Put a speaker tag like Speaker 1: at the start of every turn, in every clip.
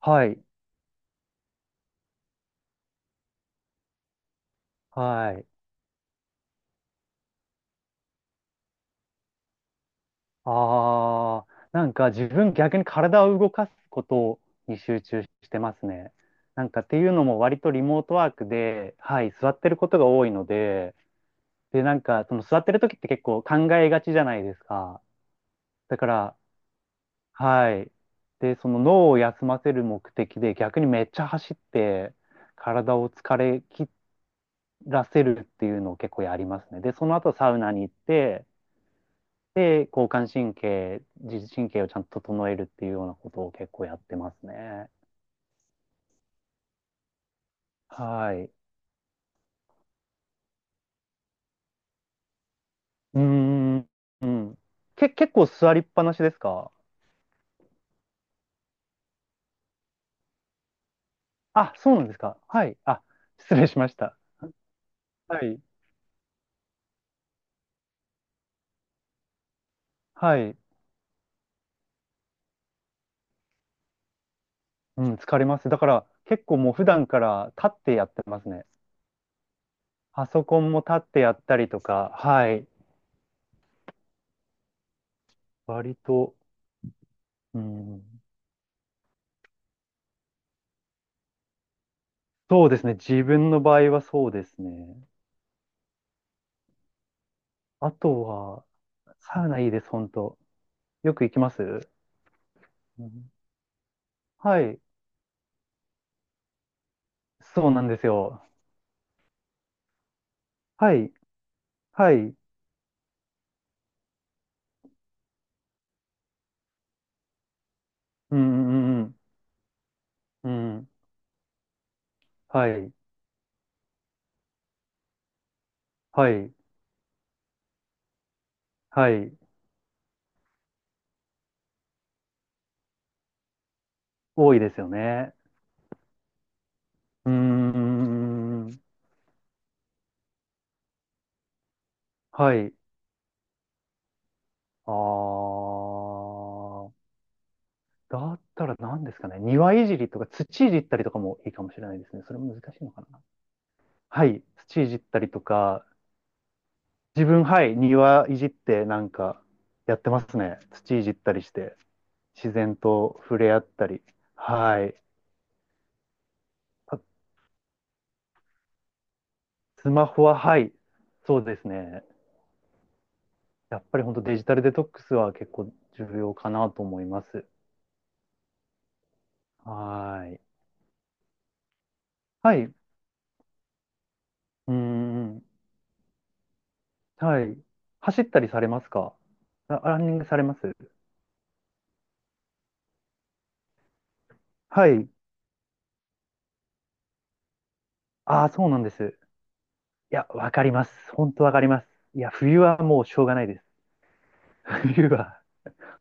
Speaker 1: はい、はい。ああ、なんか自分逆に体を動かすことに集中してますね。なんかっていうのも割とリモートワークで、はい、座ってることが多いので、で、なんかその座ってる時って結構考えがちじゃないですか。だから、はい。で、その脳を休ませる目的で逆にめっちゃ走って体を疲れ切らせるっていうのを結構やりますね。で、その後サウナに行って、で、交感神経、自律神経をちゃんと整えるっていうようなことを結構やってますね。はい。うーん、うん。結構座りっぱなしですか？あ、そうなんですか。はい。あ、失礼しました。はい。はい。うん、疲れます。だから、結構もう普段から立ってやってますね。パソコンも立ってやったりとか、はい。割と、うん。そうですね。自分の場合はそうですね。あとは、サウナいいです、本当。よく行きます。うん。はい、そうなんですよ。はい、はい、うん、うん、うんうん、うん、はい、はい、はい、多いですよね。うーん、はい、あー、だったら何ですかね、庭いじりとか土いじったりとかもいいかもしれないですね。それも難しいのかな。はい、土いじったりとか、自分、はい、庭いじってなんかやってますね。土いじったりして、自然と触れ合ったり。はい。スマホは、はい、そうですね。やっぱり本当デジタルデトックスは結構重要かなと思います。はーい。はい。うーん。はい。走ったりされますか？ランニングされますはい。ああ、そうなんです。いや、わかります。本当わかります。いや、冬はもうしょうがないです。冬は、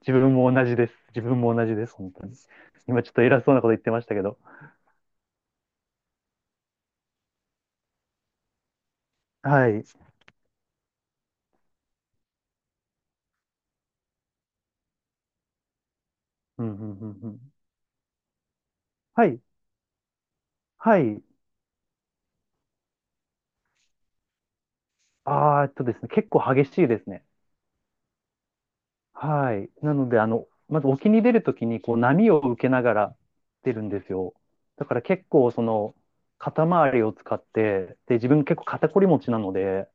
Speaker 1: 自分も同じです。自分も同じです、本当に。今ちょっと偉そうなこと言ってましたけど。はい。うん、うん、うん、うん。はい。はい。ですね、結構激しいですね。はい。なので、あの、まず沖に出るときに、こう、波を受けながら出るんですよ。だから結構、その、肩周りを使って、で、自分結構肩こり持ちなので、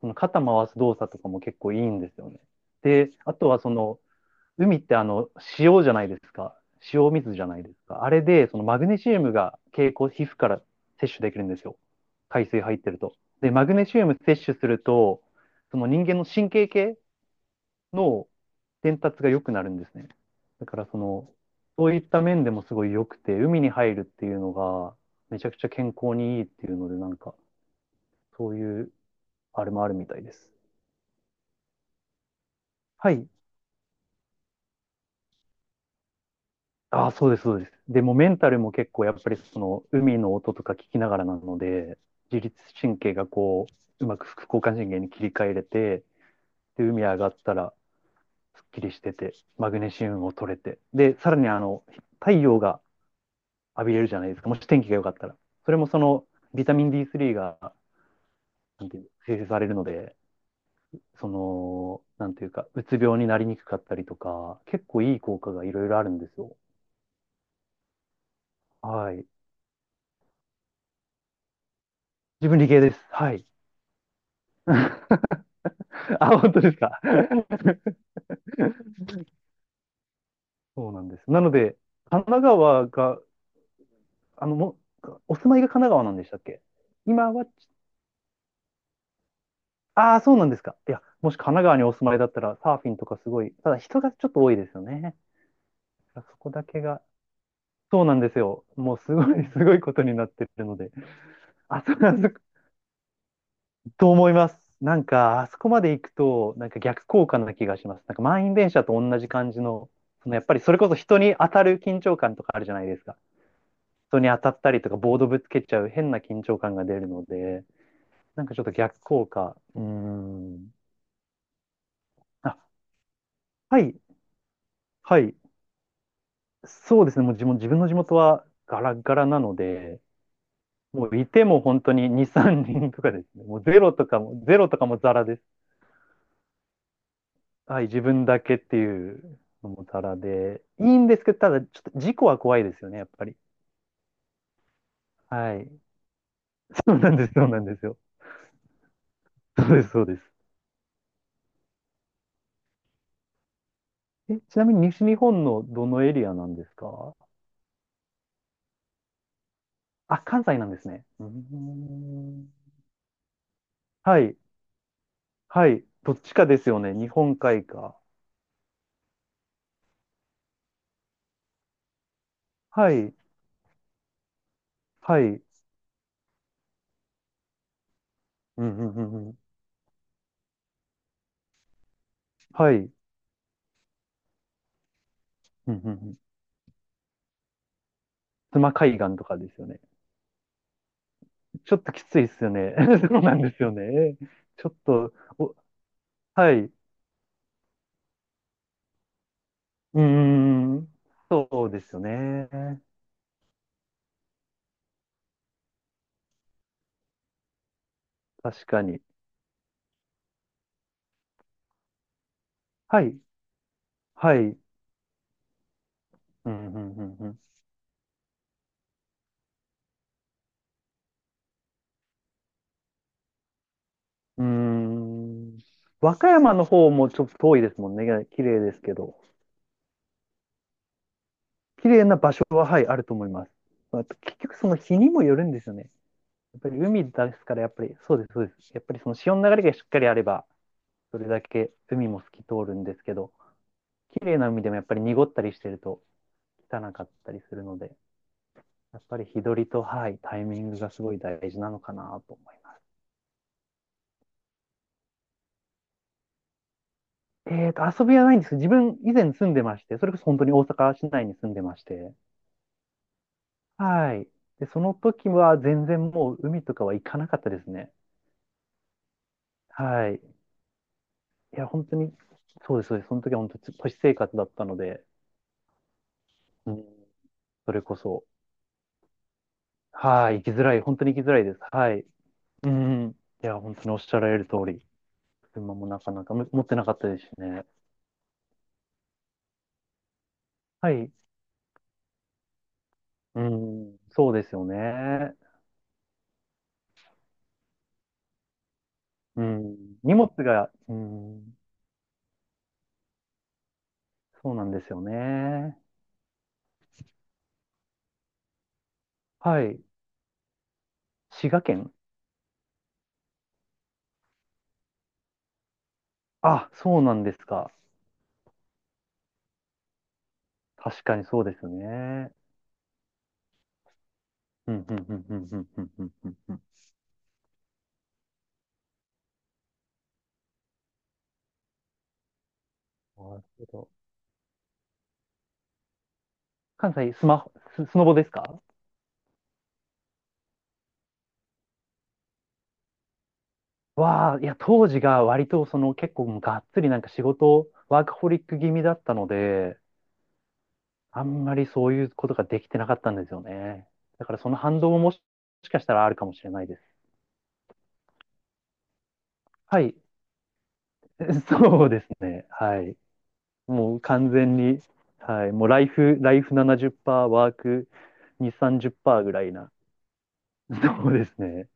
Speaker 1: その肩回す動作とかも結構いいんですよね。で、あとはその、海ってあの、塩じゃないですか。塩水じゃないですか。あれで、そのマグネシウムが経口皮膚から摂取できるんですよ。海水入ってると。で、マグネシウム摂取すると、その人間の神経系の伝達が良くなるんですね。だからその、そういった面でもすごい良くて、海に入るっていうのが、めちゃくちゃ健康にいいっていうので、なんか、そういう、あれもあるみたいです。はい。ああ、そうです、そうです。でもメンタルも結構やっぱりその、海の音とか聞きながらなので、自律神経がこう、うまく副交感神経に切り替えれて、で、海上がったら、すっきりしてて、マグネシウムも取れて、で、さらにあの、太陽が浴びれるじゃないですか。もし天気が良かったら。それもそのビタミン D3 が、なんていう生成されるので、その、なんていうか、うつ病になりにくかったりとか、結構いい効果がいろいろあるんですよ。はい。自分理系です。はい。あ、本当ですか。そうなんです。なので、神奈川が、あの、お住まいが神奈川なんでしたっけ？今は、ああ、そうなんですか。いや、もし神奈川にお住まいだったら、サーフィンとかすごい、ただ人がちょっと多いですよね。そこだけが、そうなんですよ。もうすごい、すごいことになってるので。あそこ、あそこ、と思います。なんか、あそこまで行くと、なんか逆効果な気がします。なんか満員電車と同じ感じの、そのやっぱりそれこそ人に当たる緊張感とかあるじゃないですか。人に当たったりとか、ボードぶつけちゃう変な緊張感が出るので、なんかちょっと逆効果。うーん。あ、はい、はい。そうですね。もう自分、自分の地元はガラガラなので、もういても本当に2、3人とかですね。もうゼロとかも、ゼロとかもザラです。はい、自分だけっていうのもたらで、いいんですけど、ただ、ちょっと事故は怖いですよね、やっぱり。はい。そうなんです、そうなんですよ。そうです、そうです。え、ちなみに西日本のどのエリアなんですか？あ、関西なんですね。うーん。はい、はい。どっちかですよね、日本海か。はい、はい。うんうんうんうん。はい。うんうんうん。妻海岸とかですよね。ちょっときついですよね。そうなんですよね。ちょっと、お、はい。うーん。そうですよね。確かに。はい。はい。うん、うん、うん、うん。うーん。和歌山の方もちょっと遠いですもんね。綺麗ですけど。綺麗な場所は、はい、あると思います。まあ結局、その日にもよるんですよね。やっぱり海ですから、やっぱり、そうです、そうです。やっぱりその潮の流れがしっかりあれば、それだけ海も透き通るんですけど、綺麗な海でもやっぱり濁ったりしてると汚かったりするので。やっぱり日取りと、はい、タイミングがすごい大事なのかなと思います。えっと、遊びはないんですけど、自分以前住んでまして、それこそ本当に大阪市内に住んでまして、はい。で、その時は全然もう海とかは行かなかったですね。はい。いや、本当に、そうです、そうです。その時は本当に都市生活だったので、うん、それこそ、はい、行きづらい、本当に行きづらいです。はい。うん。いや、本当におっしゃられる通り、車もなかなか持ってなかったですしね。はい。うん、そうですよね。うん。荷物が、うん。そうなんですよね。はい。滋賀県。あ、そうなんですか。確かにそうですね。うん、うん、うん、うん、うん、うん、うん、うんうん、なるほど。関西、スマホ、スノボですか？わあ、いや、当時が割と、その、結構、がっつりなんか仕事、ワークホリック気味だったので、あんまりそういうことができてなかったんですよね。だから、その反動もしかしたらあるかもしれないです。はい。そうですね。はい。もう完全に、はい、もうライフ、ライフ70%、ワーク2、30%ぐらいな。そうですね。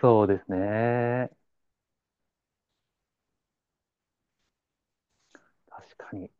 Speaker 1: そうですね。確かに。